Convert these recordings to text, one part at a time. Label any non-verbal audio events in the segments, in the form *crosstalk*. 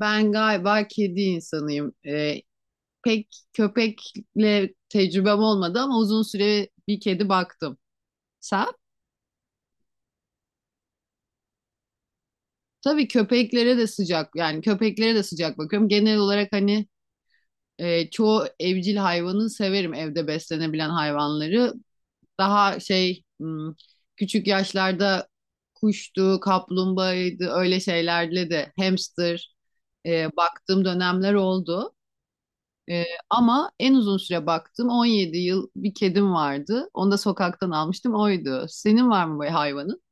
Ben galiba kedi insanıyım. Pek köpekle tecrübem olmadı ama uzun süre bir kedi baktım. Sen? Tabii köpeklere de sıcak yani köpeklere de sıcak bakıyorum. Genel olarak hani çoğu evcil hayvanı severim evde beslenebilen hayvanları. Daha şey küçük yaşlarda kuştu, kaplumbağaydı öyle şeylerle de hamster baktığım dönemler oldu. Ee, Ama en uzun süre baktım 17 yıl bir kedim vardı. Onu da sokaktan almıştım oydu. Senin var mı böyle hayvanın?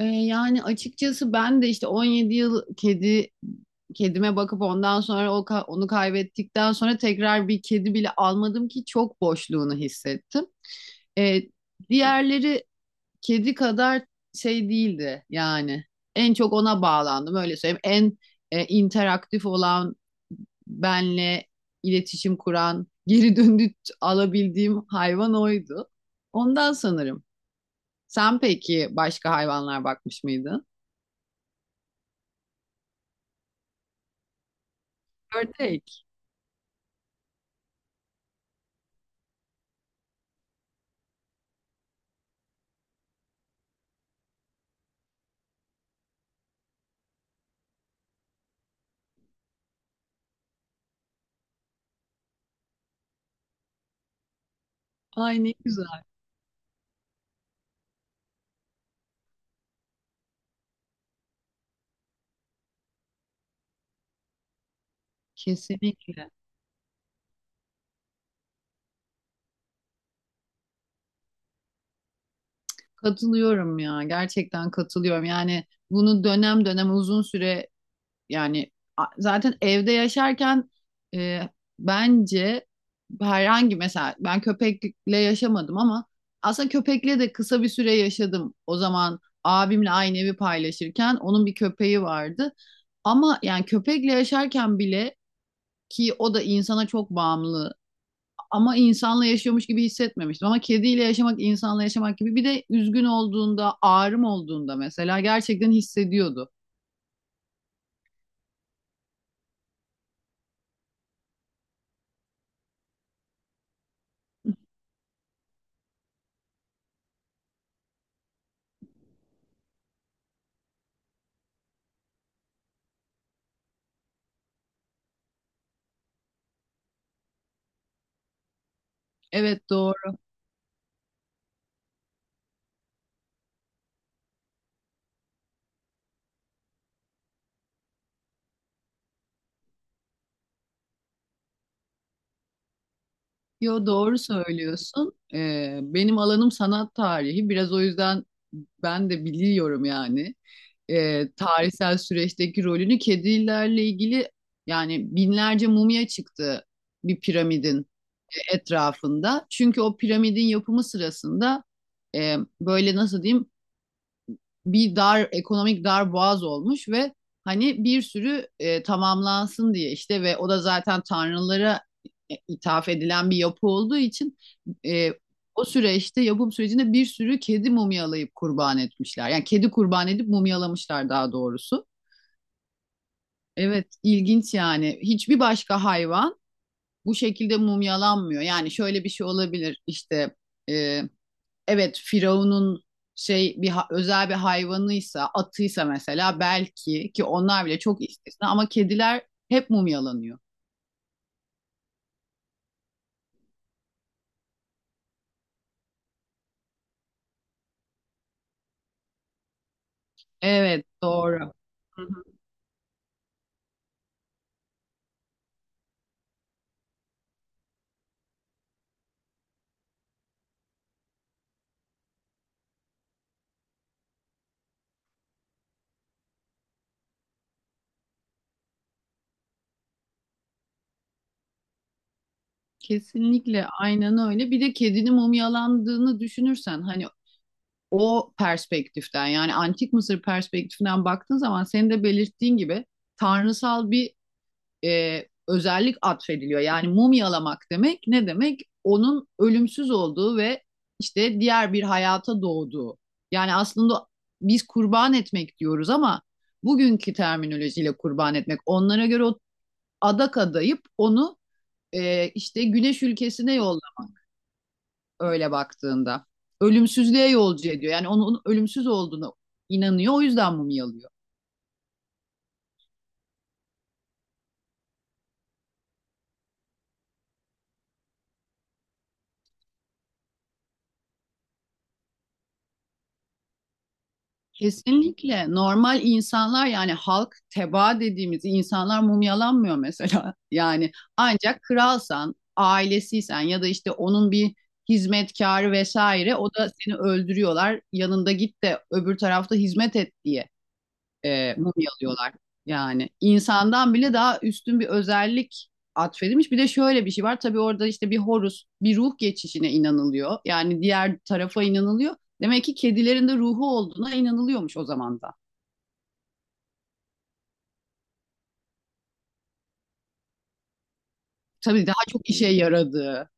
Yani açıkçası ben de işte 17 yıl kedime bakıp ondan sonra onu kaybettikten sonra tekrar bir kedi bile almadım ki çok boşluğunu hissettim. Ee, Diğerleri kedi kadar şey değildi yani. En çok ona bağlandım öyle söyleyeyim. En interaktif olan benle iletişim kuran, geri döndü alabildiğim hayvan oydu. Ondan sanırım. Sen peki başka hayvanlar bakmış mıydın? Ördek. Ay ne güzel. Kesinlikle. Katılıyorum ya. Gerçekten katılıyorum. Yani bunu dönem dönem uzun süre. Yani zaten evde yaşarken e, bence herhangi mesela ben köpekle yaşamadım ama aslında köpekle de kısa bir süre yaşadım. O zaman abimle aynı evi paylaşırken onun bir köpeği vardı. Ama yani köpekle yaşarken bile ki o da insana çok bağımlı ama insanla yaşıyormuş gibi hissetmemiştim. Ama kediyle yaşamak insanla yaşamak gibi bir de üzgün olduğunda, ağrım olduğunda mesela gerçekten hissediyordu. Evet, doğru. Yo, doğru söylüyorsun. Benim alanım sanat tarihi. Biraz o yüzden ben de biliyorum yani. Tarihsel süreçteki rolünü kedilerle ilgili yani binlerce mumya çıktı bir piramidin etrafında. Çünkü o piramidin yapımı sırasında e, böyle nasıl diyeyim bir dar ekonomik dar boğaz olmuş ve hani bir sürü tamamlansın diye işte ve o da zaten tanrılara ithaf edilen bir yapı olduğu için e, o süreçte yapım sürecinde bir sürü kedi mumyalayıp kurban etmişler. Yani kedi kurban edip mumyalamışlar daha doğrusu. Evet, ilginç yani. Hiçbir başka hayvan bu şekilde mumyalanmıyor. Yani şöyle bir şey olabilir işte e, evet, Firavun'un şey özel bir hayvanıysa, atıysa mesela belki ki onlar bile çok istisna ama kediler hep mumyalanıyor. Evet, doğru. Hı hı. Kesinlikle aynen öyle. Bir de kedinin mumyalandığını düşünürsen hani o perspektiften yani antik Mısır perspektifinden baktığın zaman senin de belirttiğin gibi tanrısal bir özellik atfediliyor. Yani mumyalamak demek ne demek? Onun ölümsüz olduğu ve işte diğer bir hayata doğduğu. Yani aslında biz kurban etmek diyoruz ama bugünkü terminolojiyle kurban etmek. Onlara göre o adak adayıp onu işte güneş ülkesine yollamak öyle baktığında. Ölümsüzlüğe yolcu ediyor. Yani onun ölümsüz olduğunu inanıyor. O yüzden mumyalıyor. Kesinlikle normal insanlar yani halk tebaa dediğimiz insanlar mumyalanmıyor mesela. *laughs* Yani ancak kralsan, ailesiysen ya da işte onun bir hizmetkarı vesaire o da seni öldürüyorlar. Yanında git de öbür tarafta hizmet et diye mumyalıyorlar. Yani insandan bile daha üstün bir özellik atfedilmiş. Bir de şöyle bir şey var. Tabii orada işte bir horus, bir ruh geçişine inanılıyor. Yani diğer tarafa inanılıyor. Demek ki kedilerin de ruhu olduğuna inanılıyormuş o zaman da. Tabii daha çok işe yaradığı.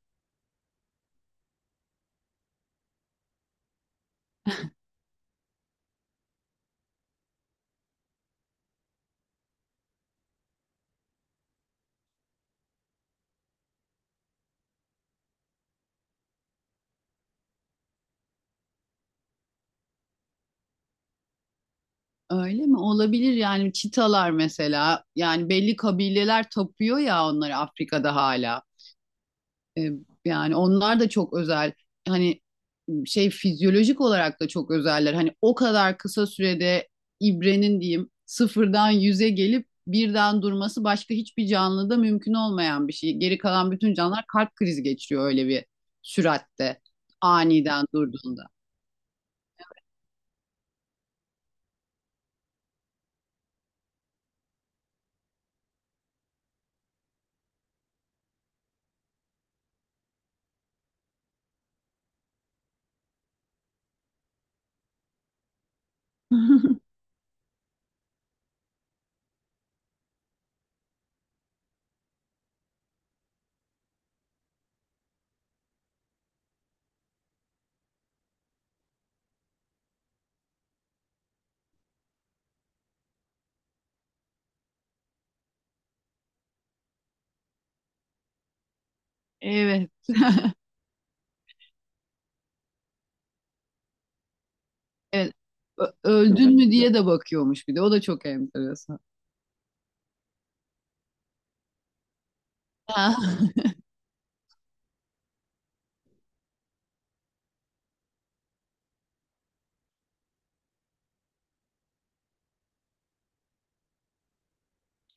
Öyle mi? Olabilir yani çitalar mesela. Yani belli kabileler tapıyor ya onları Afrika'da hala. E, Yani onlar da çok özel. Hani şey fizyolojik olarak da çok özeller. Hani o kadar kısa sürede ibrenin diyeyim sıfırdan yüze gelip birden durması başka hiçbir canlıda mümkün olmayan bir şey. Geri kalan bütün canlılar kalp krizi geçiriyor öyle bir süratte aniden durduğunda. *laughs* Evet. *laughs* Evet. Öldün mü diye de bakıyormuş bir de. O da çok enteresan. Ha,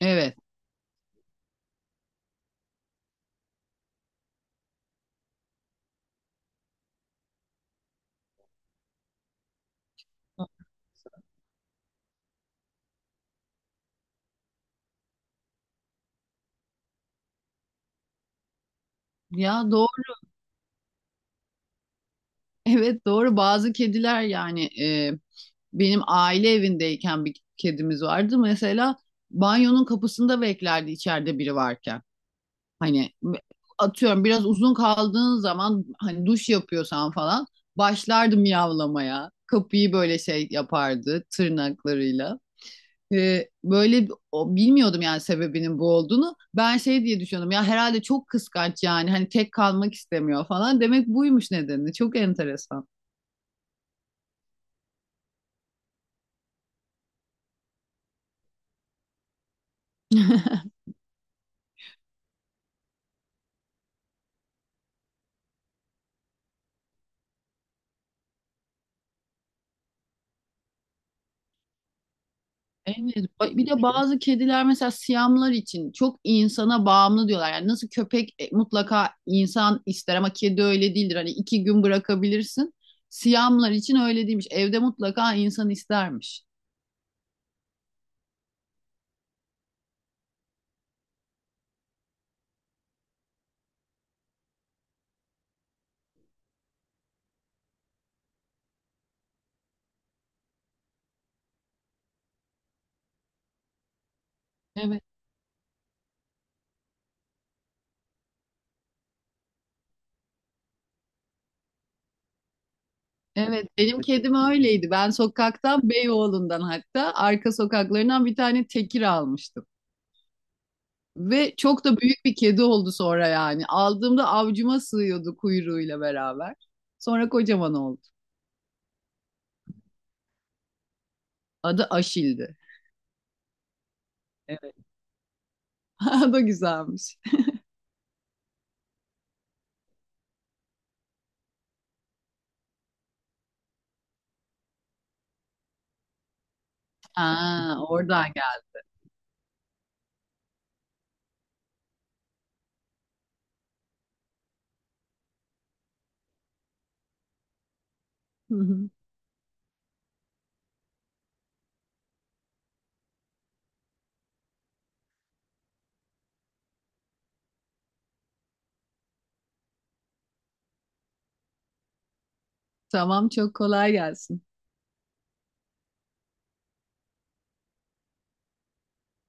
*laughs* Evet. Ya, doğru. Evet, doğru. Bazı kediler yani benim aile evindeyken bir kedimiz vardı. Mesela banyonun kapısında beklerdi içeride biri varken. Hani atıyorum biraz uzun kaldığın zaman hani duş yapıyorsan falan başlardı miyavlamaya. Kapıyı böyle şey yapardı tırnaklarıyla. Böyle bilmiyordum yani sebebinin bu olduğunu. Ben şey diye düşünüyordum ya herhalde çok kıskanç yani hani tek kalmak istemiyor falan. Demek buymuş nedeni. Çok enteresan. Evet. Bir de bazı kediler mesela siyamlar için çok insana bağımlı diyorlar. Yani nasıl köpek mutlaka insan ister ama kedi öyle değildir. Hani iki gün bırakabilirsin. Siyamlar için öyle değilmiş. Evde mutlaka insan istermiş. Evet, benim kedim öyleydi. Ben sokaktan, Beyoğlu'ndan hatta arka sokaklarından bir tane tekir almıştım. Ve çok da büyük bir kedi oldu sonra yani. Aldığımda avcuma sığıyordu kuyruğuyla beraber. Sonra kocaman oldu. Adı Aşil'di. Evet. *laughs* O da güzelmiş. Aa, oradan geldi. Hı hı. Tamam, çok kolay gelsin.